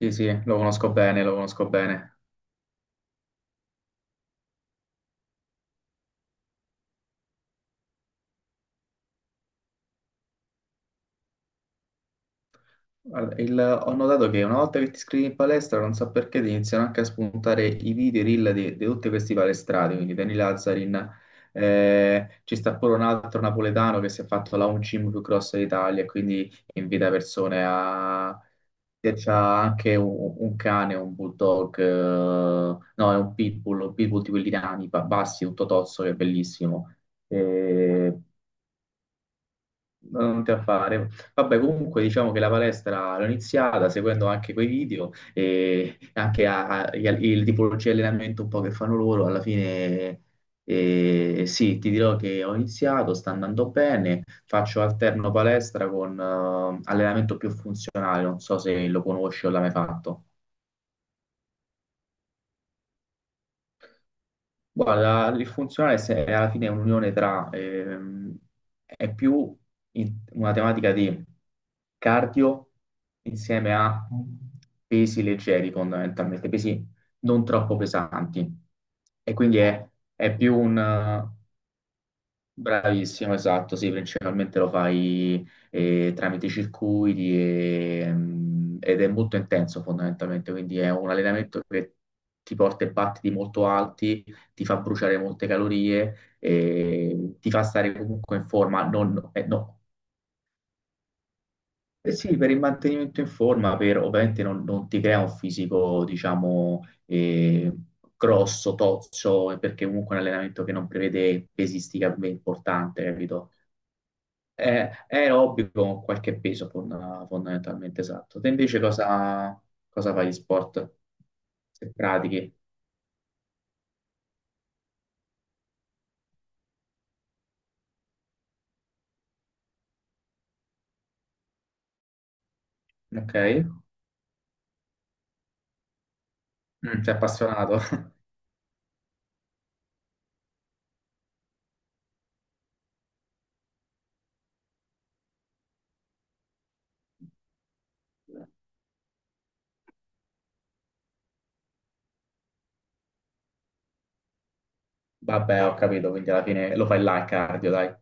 Sì, sì, lo conosco bene, lo conosco bene. Guarda, ho notato che una volta che ti iscrivi in palestra, non so perché, ti iniziano anche a spuntare i video, i reel di tutti questi palestrati, quindi Dani Lazzarin, ci sta pure un altro napoletano che si è fatto la home gym più grossa d'Italia, e quindi invita persone a... e c'ha anche un cane, un bulldog, no, è un pitbull di quelli nani, bassi, tutto tozzo, che è bellissimo. Non te a fare. Vabbè, comunque diciamo che la palestra l'ho iniziata seguendo anche quei video e anche il tipologia di allenamento un po' che fanno loro. Alla fine, sì, ti dirò che ho iniziato, sta andando bene. Faccio alterno palestra con allenamento più funzionale. Non so se lo conosci o l'hai mai fatto. Guarda, il funzionale se- è alla fine è un'unione tra, è più una tematica di cardio insieme a pesi leggeri fondamentalmente, pesi non troppo pesanti. E quindi è più un, Bravissimo, esatto, sì, principalmente lo fai tramite circuiti ed è molto intenso fondamentalmente, quindi è un allenamento che ti porta in partiti molto alti, ti fa bruciare molte calorie, e ti fa stare comunque in forma, non, no. Eh sì, per il mantenimento in forma, per, ovviamente non ti crea un fisico, diciamo, grosso, tozzo, perché comunque è un allenamento che non prevede pesistica importante, capito? È, è aerobio con qualche peso fondamentalmente esatto. Te invece cosa fai di sport? Se pratichi, ok? Mm, sei appassionato? Vabbè, ho capito, quindi alla fine lo fai là il cardio, dai.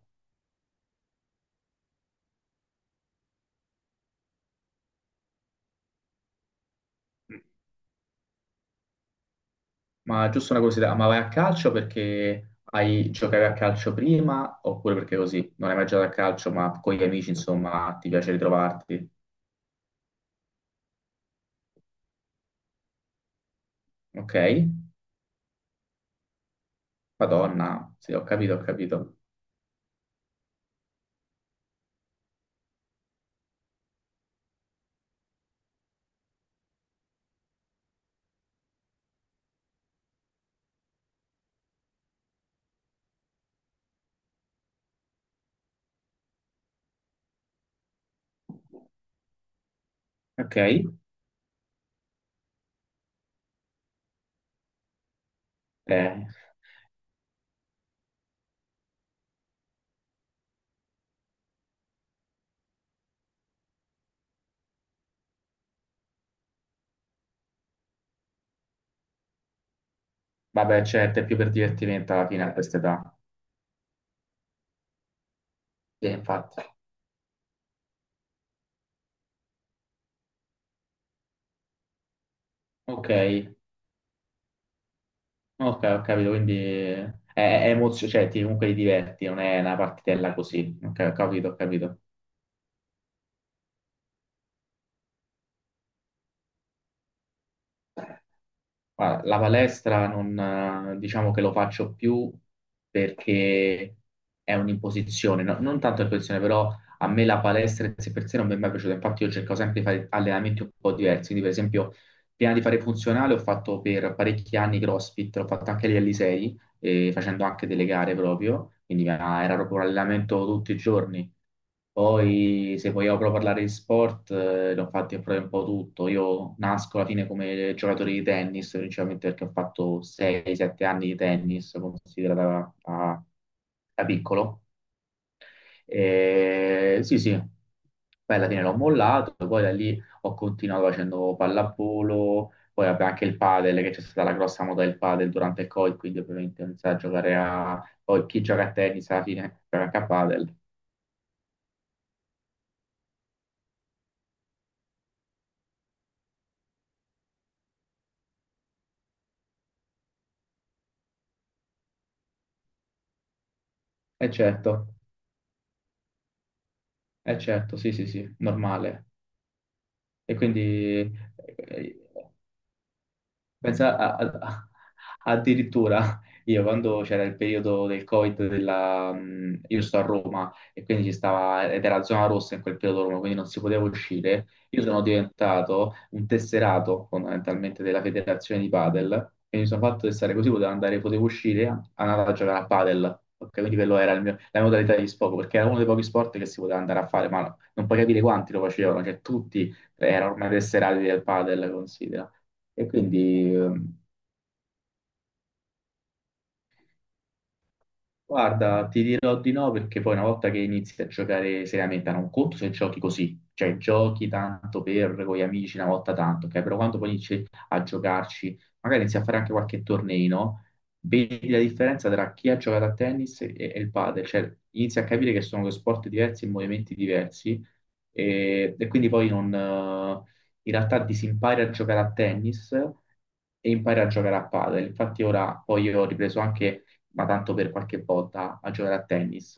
Ma giusto una curiosità, ma vai a calcio perché giocavi a calcio prima oppure perché così? Non hai mai giocato a calcio, ma con gli amici, insomma, ti piace ritrovarti, ok? Madonna, sì, ho capito, ho capito. Ok, eh, Vabbè, certo, è più per divertimento alla fine a questa età. Sì, infatti. Ok, ok, ho capito, quindi è cioè ti, comunque ti diverti, non è una partitella così. Ok, ho capito, ho capito. Ma la palestra non, diciamo che lo faccio più perché è un'imposizione, non tanto un'imposizione, però a me la palestra in sé per sé non mi è mai piaciuta, infatti io cerco sempre di fare allenamenti un po' diversi, quindi per esempio prima di fare funzionale ho fatto per parecchi anni CrossFit, l'ho fatto anche agli Alisei, facendo anche delle gare proprio, quindi era proprio un allenamento tutti i giorni poi, se vogliamo proprio parlare di sport, ne ho fatti proprio un po' tutto. Io nasco alla fine come giocatore di tennis, principalmente perché ho fatto 6-7 anni di tennis, considerata da piccolo. E, sì, sì, poi alla fine l'ho mollato, poi da lì ho continuato facendo pallavolo, poi vabbè, anche il padel, che c'è stata la grossa moda del padel durante il Covid, quindi ovviamente ho iniziato a giocare a... Poi chi gioca a tennis alla fine gioca anche a padel. E certo. Eh certo, sì, sì, sì, normale. E quindi eh, Pensa addirittura io quando c'era il periodo del Covid, della, io sto a Roma e quindi ci stava, ed era zona rossa in quel periodo a Roma, quindi non si poteva uscire. Io sono diventato un tesserato fondamentalmente della federazione di padel e mi sono fatto testare così, potevo andare, potevo uscire, andare a giocare a padel. Ok? Quindi quello era la mia modalità di sfogo, perché era uno dei pochi sport che si poteva andare a fare, ma non puoi capire quanti lo facevano, cioè tutti era ormai tesserati del padel, considera. E quindi guarda, ti dirò di no perché poi una volta che inizi a giocare seriamente, non conto se giochi così, cioè giochi tanto per con gli amici una volta tanto, ok? Però quando poi inizi a giocarci, magari inizi a fare anche qualche torneino, vedi la differenza tra chi ha giocato a tennis e il padel, cioè inizi a capire che sono due sport diversi e movimenti diversi e quindi poi non, in realtà disimpari a giocare a tennis e impari a giocare a padel. Infatti ora poi io ho ripreso anche ma tanto per qualche volta a giocare a tennis.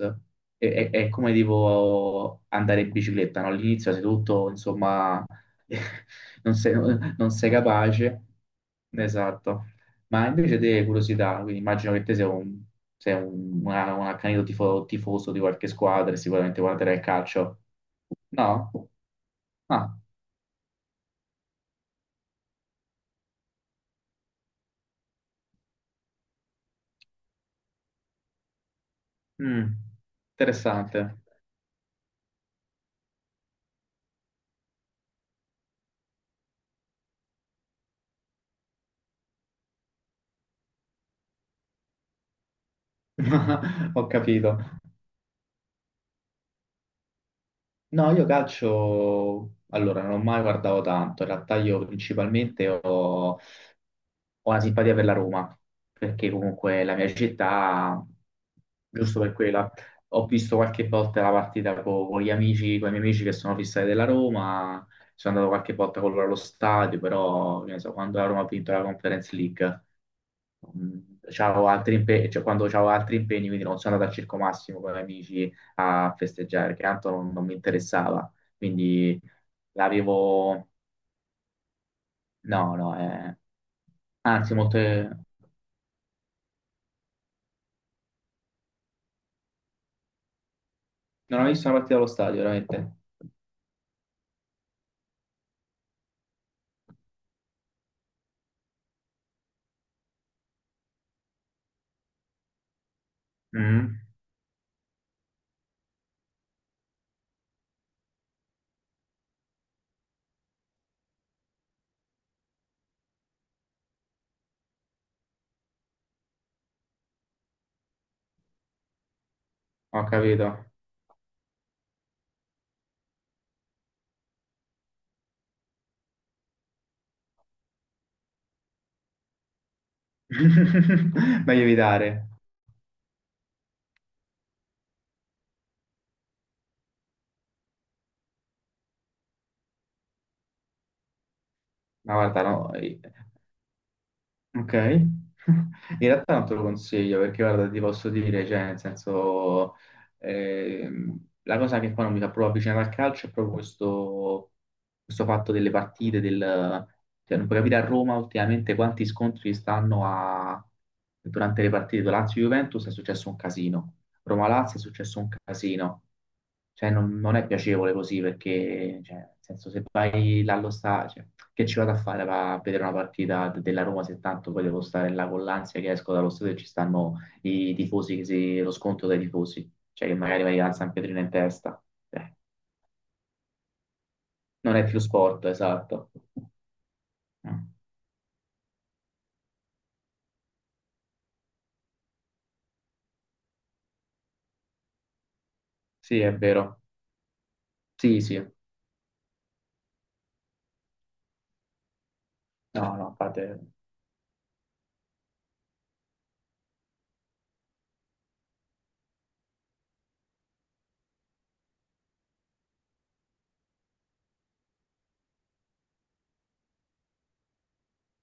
È, è come tipo andare in bicicletta, no? All'inizio sei tutto, insomma, non sei, non sei capace. Esatto. Ma invece te, curiosità, quindi immagino che te sei un un accanito tifoso di qualche squadra e sicuramente guarderai il calcio. No? Ah, mm, interessante. Ho capito. No, io calcio, allora non ho mai guardato tanto, in realtà io principalmente ho una simpatia per la Roma, perché comunque è la mia città, giusto per quella, ho visto qualche volta la partita con, gli amici, con i miei amici che sono fissati della Roma, sono andato qualche volta con loro allo stadio, però che ne so, quando la Roma ha vinto la Conference League Mm, c'avevo altri impegni, cioè, quando c'avevo altri impegni, quindi non sono andato al Circo Massimo con gli amici a festeggiare, perché tanto non, non mi interessava. Quindi l'avevo... No, no, eh. Anzi, molte... Non ho visto una partita allo stadio, veramente. Mm, ho capito. Meglio evitare. Ma guarda, no. Ok. In realtà non te lo consiglio perché guarda, ti posso dire, cioè, nel senso, la cosa che poi non mi fa proprio avvicinare al calcio è proprio questo, questo fatto delle partite, del, cioè non puoi capire a Roma ultimamente quanti scontri stanno a, durante le partite. Lazio-Juventus è successo un casino, Roma-Lazio è successo un casino. Cioè, non è piacevole così perché, cioè, nel senso, se vai là allo stadio, cioè, che ci vado a fare va a vedere una partita della Roma se tanto poi devo stare là con l'ansia che esco dallo stadio e ci stanno i tifosi, che lo scontro dai tifosi cioè che magari vai al San Pietrino in testa. Eh, non è più sport, esatto. Mm. Sì, è vero. Sì, sì. No, no, fate...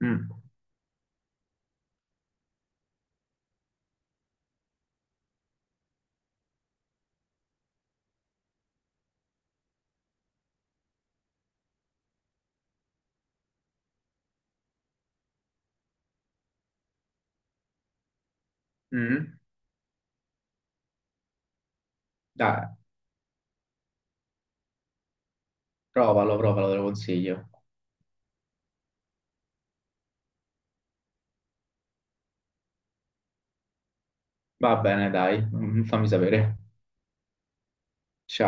Mm. Mm. Dai, provalo, provalo, te lo consiglio. Va bene, dai, Mm, fammi sapere. Ciao.